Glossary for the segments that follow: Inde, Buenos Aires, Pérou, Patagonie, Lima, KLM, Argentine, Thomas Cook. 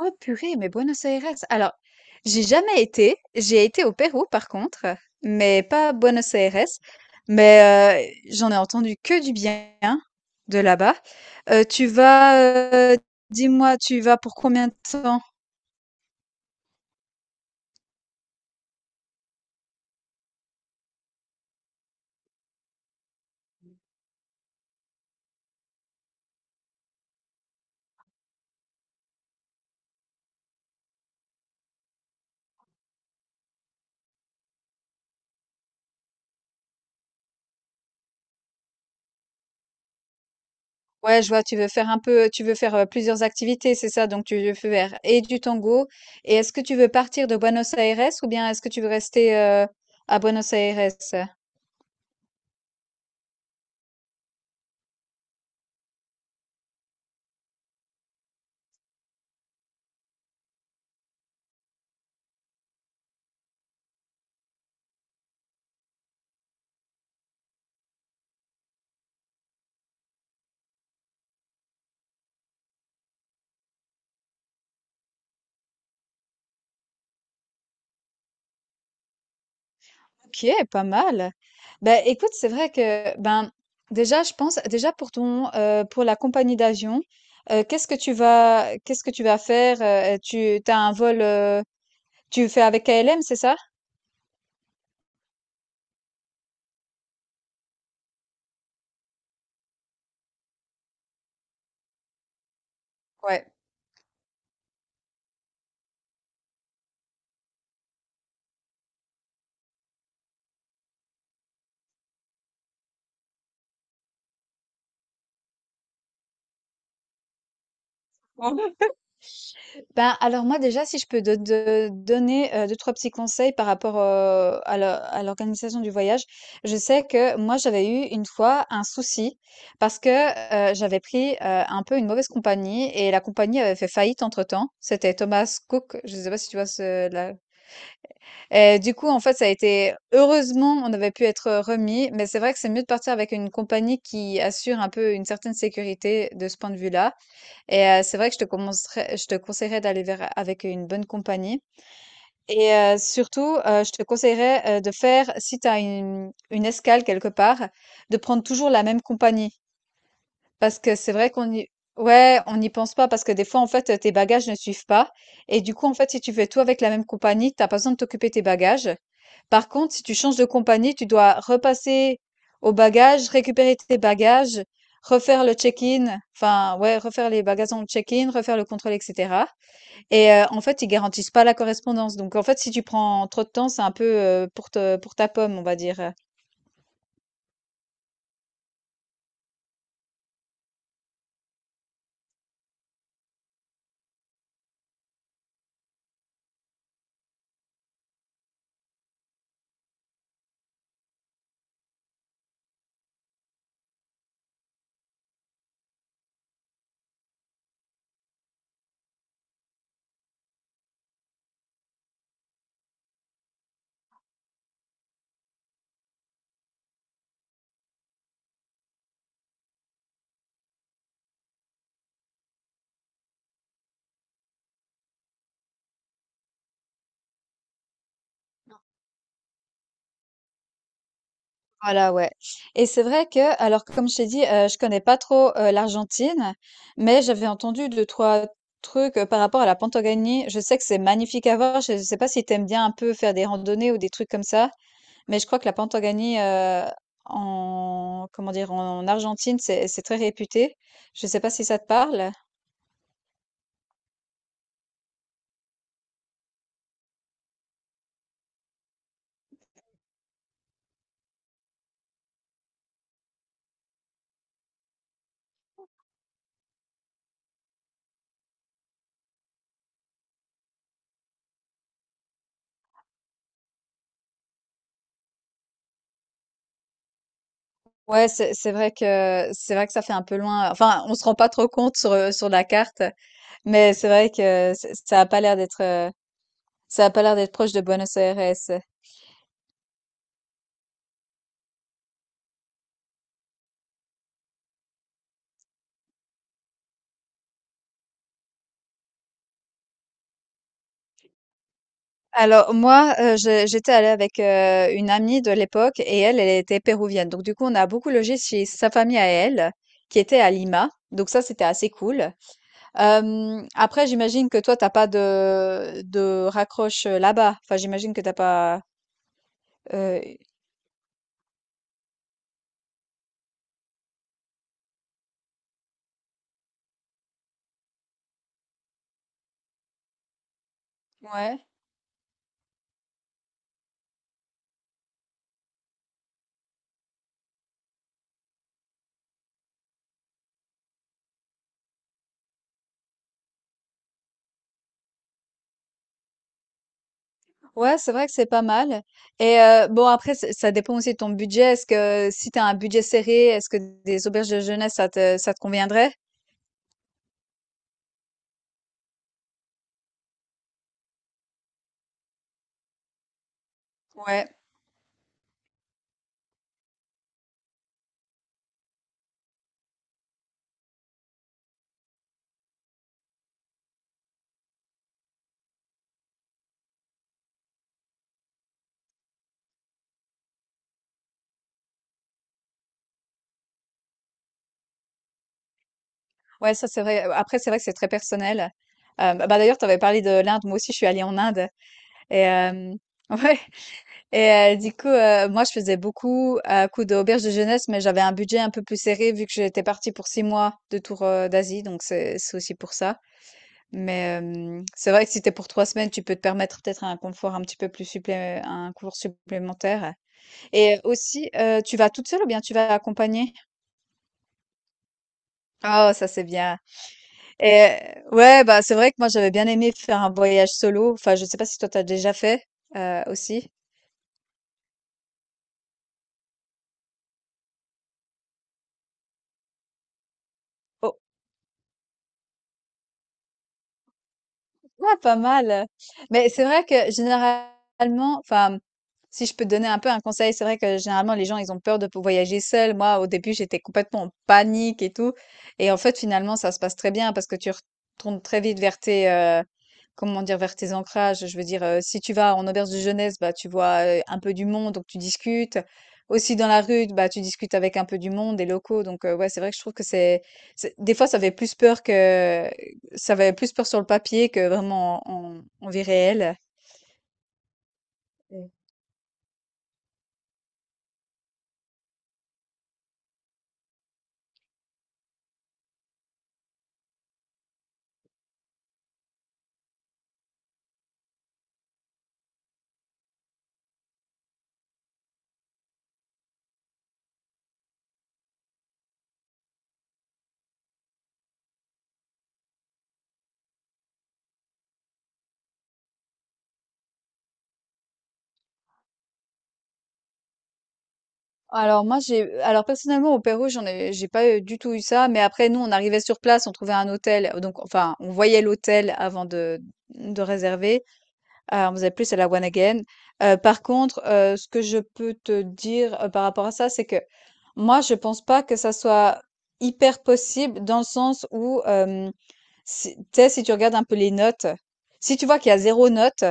Oh purée, mais Buenos Aires. Alors, j'ai jamais été. J'ai été au Pérou par contre, mais pas à Buenos Aires. Mais j'en ai entendu que du bien de là-bas. Euh, tu vas, euh, Dis-moi, tu vas pour combien de temps? Ouais, je vois, tu veux faire plusieurs activités, c'est ça? Donc tu veux faire et du tango. Et est-ce que tu veux partir de Buenos Aires ou bien est-ce que tu veux rester à Buenos Aires? OK, pas mal. Ben, écoute, c'est vrai que, ben, déjà, je pense, déjà pour pour la compagnie d'avion, qu'est-ce que tu vas faire? Tu t'as un vol, tu fais avec KLM, c'est ça? Ouais. Ben, alors moi déjà, si je peux te donner, 2-3 petits conseils par rapport, à la à l'organisation du voyage. Je sais que moi, j'avais eu une fois un souci parce que, j'avais pris, un peu une mauvaise compagnie et la compagnie avait fait faillite entre-temps. C'était Thomas Cook, je sais pas si tu vois ce la. Et du coup, en fait, ça a été heureusement, on avait pu être remis, mais c'est vrai que c'est mieux de partir avec une compagnie qui assure un peu une certaine sécurité de ce point de vue-là. Et c'est vrai que je te conseillerais d'aller vers, avec une bonne compagnie. Et surtout, je te conseillerais de faire, si tu as une escale quelque part, de prendre toujours la même compagnie. Parce que c'est vrai qu'on y, ouais, on n'y pense pas parce que des fois, en fait, tes bagages ne suivent pas. Et du coup, en fait, si tu fais tout avec la même compagnie, t'as pas besoin de t'occuper de tes bagages. Par contre, si tu changes de compagnie, tu dois repasser aux bagages, récupérer tes bagages, refaire le check-in, enfin, ouais, refaire les bagages dans le check-in, refaire le contrôle, etc. Et en fait, ils garantissent pas la correspondance. Donc, en fait, si tu prends trop de temps, c'est un peu, pour te, pour ta pomme, on va dire. Voilà, ouais, et c'est vrai que alors que comme je t'ai dit, je connais pas trop, l'Argentine, mais j'avais entendu deux-trois trucs, par rapport à la Patagonie. Je sais que c'est magnifique à voir. Je sais pas si tu aimes bien un peu faire des randonnées ou des trucs comme ça, mais je crois que la Patagonie, en comment dire? En Argentine, c'est très réputé. Je sais pas si ça te parle? Ouais, c'est vrai que c'est vrai que ça fait un peu loin. Enfin, on se rend pas trop compte sur, sur la carte, mais c'est vrai que ça a pas l'air d'être, ça a pas l'air d'être proche de Buenos Aires. Alors moi, j'étais allée avec une amie de l'époque et elle, elle était péruvienne. Donc du coup, on a beaucoup logé chez sa famille à elle, qui était à Lima. Donc ça, c'était assez cool. Hem, après j'imagine que toi t'as pas de raccroche, là-bas? Enfin j'imagine que t'as pas, heu. Ouais. Ouais, c'est vrai que c'est pas mal et bon après ç ça dépend aussi de ton budget. Est-ce que si t'as un budget serré, est-ce que des auberges de jeunesse ça te conviendrait? Ouais. Ouais, ça c'est vrai. Après c'est vrai que c'est très personnel. Hem, bah, d'ailleurs tu avais parlé de l'Inde. Moi aussi je suis allée en Inde et hem ouais. Et moi, je faisais beaucoup à coup d'auberge de jeunesse, mais j'avais un budget un peu plus serré vu que j'étais partie pour 6 mois de tour d'Asie, donc c'est aussi pour ça. Mais c'est vrai que si t'es pour 3 semaines, tu peux te permettre peut-être un confort un petit peu plus supplé un confort supplémentaire. Et aussi, tu vas toute seule ou bien tu vas accompagnée? Oh, ça c'est bien. Et ouais, bah c'est vrai que moi j'avais bien aimé faire un voyage solo. Enfin, je sais pas si toi t'as déjà fait aussi. Ah, pas mal. Mais c'est vrai que généralement, enfin, si je peux te donner un peu un conseil, c'est vrai que généralement les gens ils ont peur de voyager seuls. Moi, au début, j'étais complètement en panique et tout. Et en fait, finalement, ça se passe très bien parce que tu retournes très vite vers tes, comment dire, vers tes ancrages. Je veux dire, si tu vas en auberge de jeunesse, bah tu vois un peu du monde, donc tu discutes. Aussi dans la rue, bah tu discutes avec un peu du monde, des locaux. Donc ouais, c'est vrai que je trouve que des fois ça fait plus peur ça va plus peur sur le papier que vraiment en en vie réelle. Et alors moi, j'ai alors personnellement au Pérou, j'ai pas, du tout eu ça, mais après nous, on arrivait sur place, on trouvait un hôtel, donc enfin, on voyait l'hôtel avant de réserver. On faisait plus à la One Again. Par contre, ce que je peux te dire, par rapport à ça, c'est que moi, je pense pas que ça soit hyper possible dans le sens où, hem, si tu regardes un peu les notes, si tu vois qu'il y a 0 note,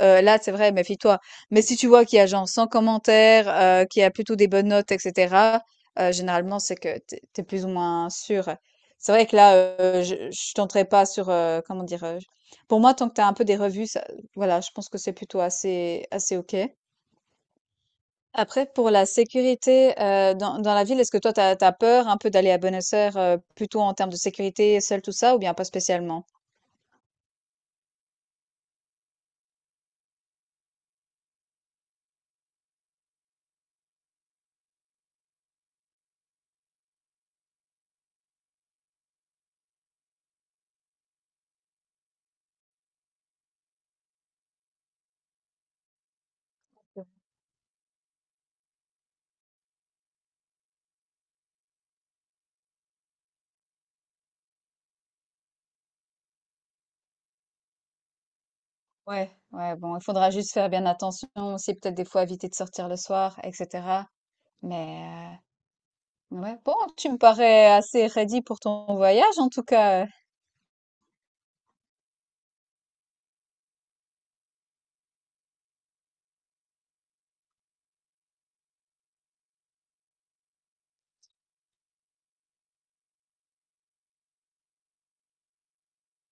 là, c'est vrai, méfie-toi. Mais si tu vois qu'il y a genre 100 commentaires, qu'il y a plutôt des bonnes notes et cetera, généralement, c'est que t'es es plus ou moins sûr. C'est vrai que là, je tenterai pas sur, comment dire? Pour moi, tant que tu as un peu des revues, voilà, je pense que c'est plutôt assez OK. Après, pour la sécurité, dans la ville, est-ce que toi, tu as peur un peu d'aller à Buenos Aires, plutôt en termes de sécurité, seule, tout ça, ou bien pas spécialement? Ouais, ouais, bon, il faudra juste faire bien attention aussi, peut-être des fois éviter de sortir le soir et cetera. Mais ouais, bon, tu me parais assez ready pour ton voyage, en tout cas,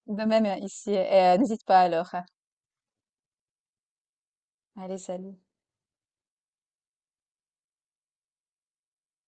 de même ici. Et, n'hésite pas alors. Allez, salut.